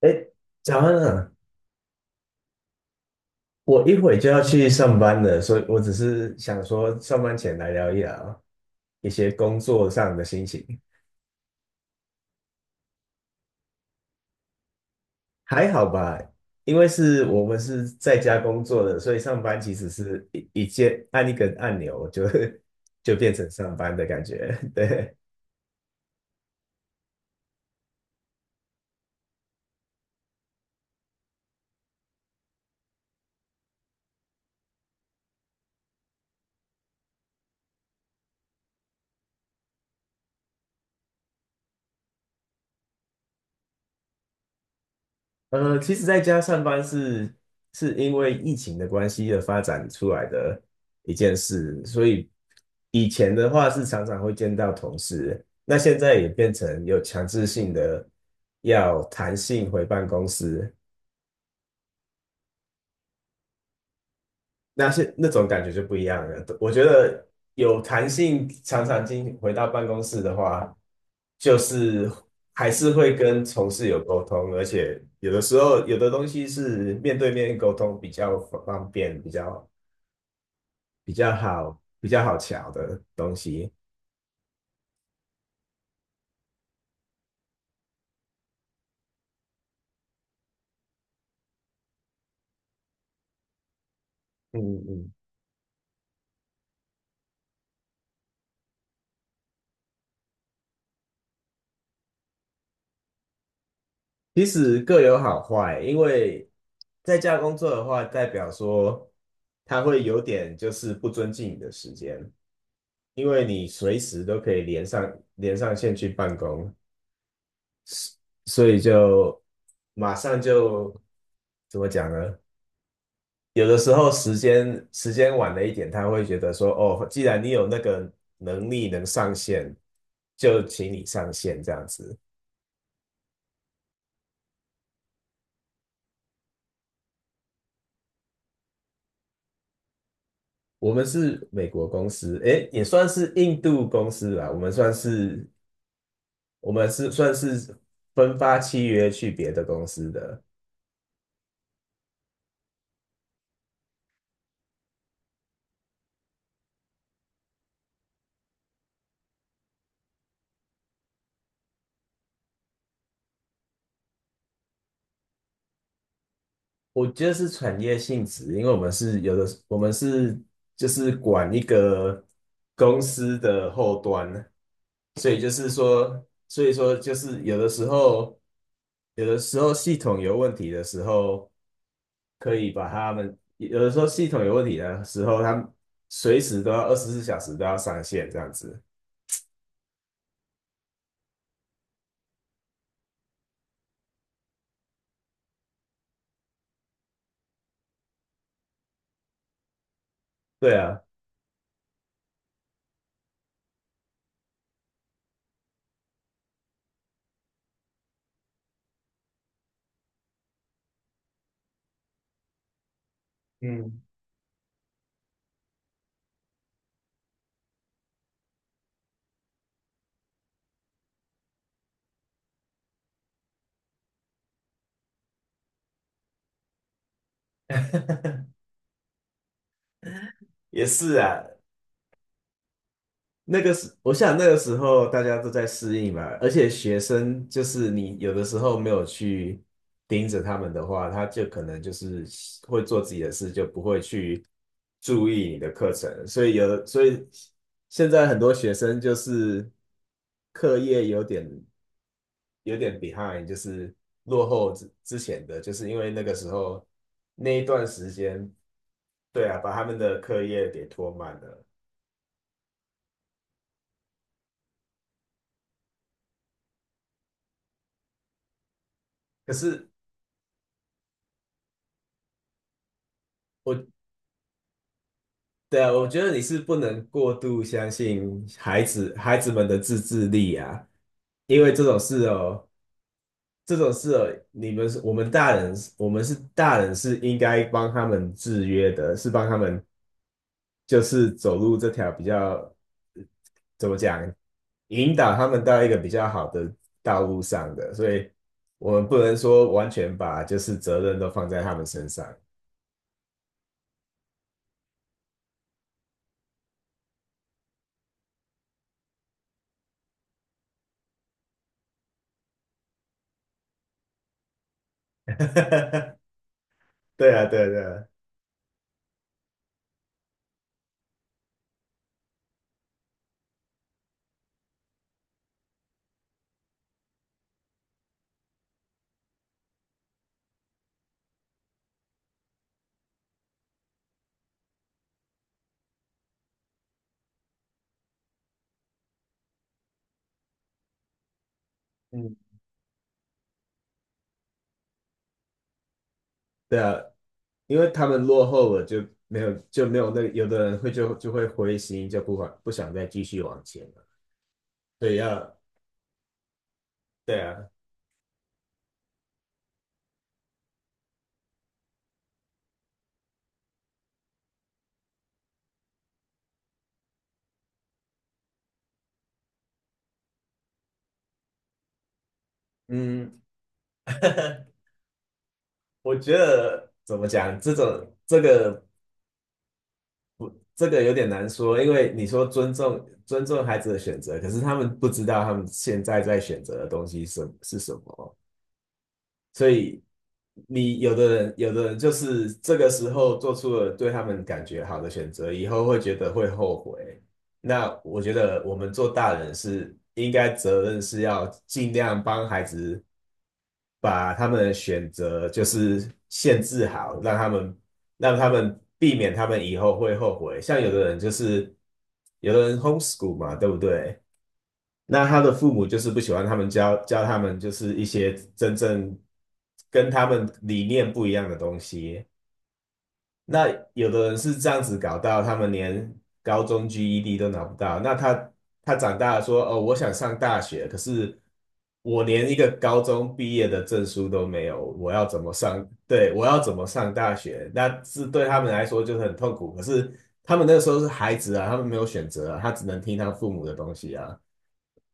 哎，早安啊！我一会就要去上班了，所以我只是想说，上班前来聊一聊一些工作上的心情，还好吧？因为我们是在家工作的，所以上班其实是一键按一个按钮就 就变成上班的感觉。对，其实在家上班是因为疫情的关系而发展出来的一件事，所以以前的话是常常会见到同事，那现在也变成有强制性的要弹性回办公室，那是那种感觉就不一样了。我觉得有弹性，常常进回到办公室的话，就是还是会跟同事有沟通，而且有的时候有的东西是面对面沟通比较方便，比较好，比较好瞧的东西。嗯嗯，其实各有好坏，因为在家工作的话，代表说他会有点就是不尊敬你的时间。因为你随时都可以连上线去办公，所以就马上就怎么讲呢？有的时候时间晚了一点，他会觉得说，哦，既然你有那个能力能上线，就请你上线这样子。我们是美国公司，诶，也算是印度公司啦，我们算是分发契约去别的公司的。我觉得是产业性质，因为我们就是管一个公司的后端，所以就是说，所以说就是有的时候，系统有问题的时候，可以把他们，有的时候系统有问题的时候，他们随时都要24小时都要上线这样子。对啊，嗯，也是啊，那个时，我想那个时候大家都在适应嘛，而且学生就是你有的时候没有去盯着他们的话，他就可能就是会做自己的事，就不会去注意你的课程，所以现在很多学生就是课业有点 behind,就是落后之前的，就是因为那个时候那一段时间，对啊，把他们的课业给拖慢了。可是我对啊，我觉得你是不能过度相信孩子们的自制力啊，因为这种事哦,你们是我们大人，我们是大人是应该帮他们制约的，是帮他们就是走路这条比较呃怎么讲，引导他们到一个比较好的道路上的，所以我们不能说完全把就是责任都放在他们身上。对啊，对啊，对啊，嗯，对啊，因为他们落后了，就没有那有的人会就会灰心，就不管不想再继续往前了。对呀，对啊，嗯，我觉得怎么讲，这个有点难说，因为你说尊重孩子的选择，可是他们不知道他们现在在选择的东西是什么。所以你有的人，有的人就是这个时候做出了对他们感觉好的选择，以后会觉得会后悔。那我觉得我们做大人是应该责任是要尽量帮孩子把他们的选择就是限制好，让他们避免他们以后会后悔。像有的人 homeschool 嘛，对不对？那他的父母就是不喜欢他们教他们就是一些真正跟他们理念不一样的东西。那有的人是这样子搞到，他们连高中 GED 都拿不到。那他长大了说，哦，我想上大学，可是我连一个高中毕业的证书都没有，我要怎么上？对，我要怎么上大学？那是对他们来说就是很痛苦。可是他们那个时候是孩子啊，他们没有选择啊，他只能听他父母的东西啊。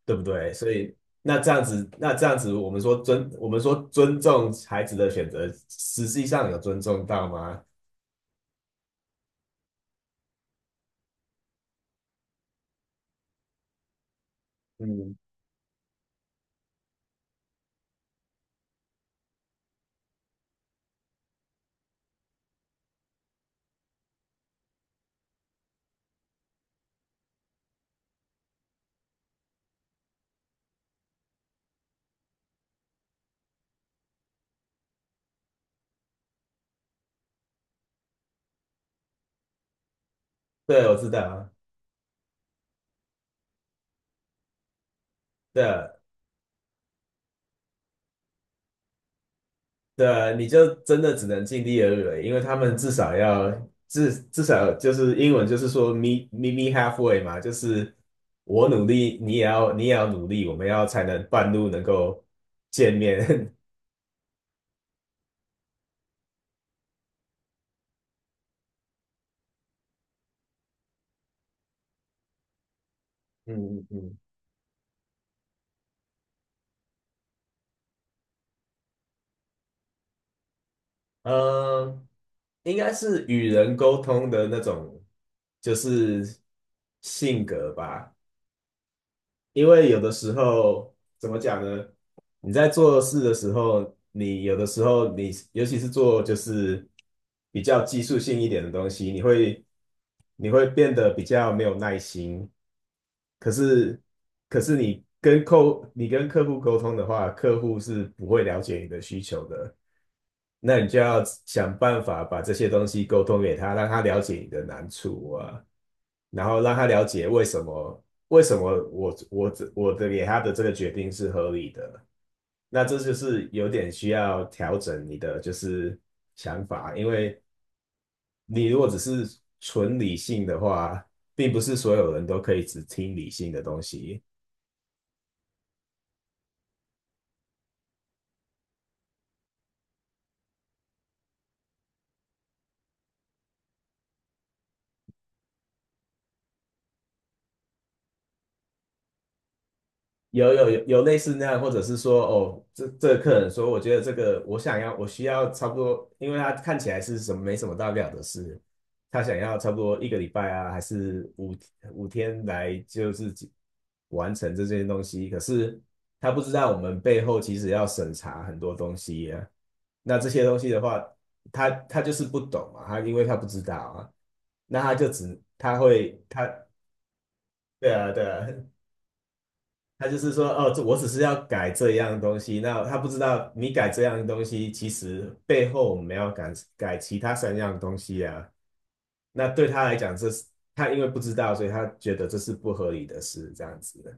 对不对？所以那这样子,我们说尊重孩子的选择，实际上有尊重到吗？嗯，对，我知道，对对，你就真的只能尽力而为，因为他们至少就是英文就是说 me halfway 嘛，就是我努力，你也要努力，我们要才能半路能够见面。嗯嗯嗯。嗯，应该是与人沟通的那种，就是性格吧。因为有的时候，怎么讲呢？你在做事的时候，你有的时候你，尤其是做就是比较技术性一点的东西，你会变得比较没有耐心。可是，可是你跟客户沟通的话，客户是不会了解你的需求的。那你就要想办法把这些东西沟通给他，让他了解你的难处啊，然后让他了解为什么我的给他的这个决定是合理的。那这就是有点需要调整你的就是想法，因为你如果只是纯理性的话，并不是所有人都可以只听理性的东西。有类似那样，或者是说，哦，这个客人说，我觉得这个我需要差不多，因为他看起来是什么没什么大不了的事，他想要差不多一个礼拜啊，还是五天来就是完成这件东西，可是他不知道我们背后其实要审查很多东西啊，那这些东西的话，他就是不懂嘛，他因为他不知道啊，那他就只他会他对啊对啊，他就是说，哦，这我只是要改这样东西，那他不知道你改这样东西，其实背后我们要改改其他三样东西啊。那对他来讲，这是他因为不知道，所以他觉得这是不合理的事，这样子。的。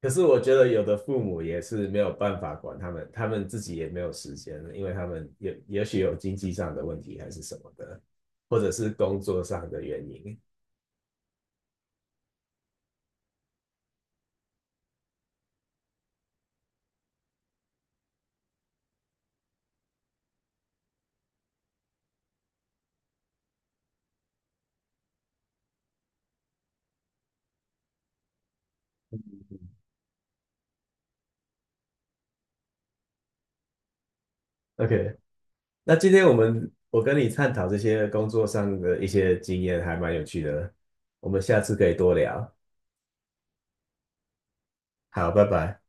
可是我觉得有的父母也是没有办法管他们，他们自己也没有时间，因为他们也也许有经济上的问题还是什么的，或者是工作上的原因。OK,那今天我跟你探讨这些工作上的一些经验，还蛮有趣的，我们下次可以多聊。好，拜拜。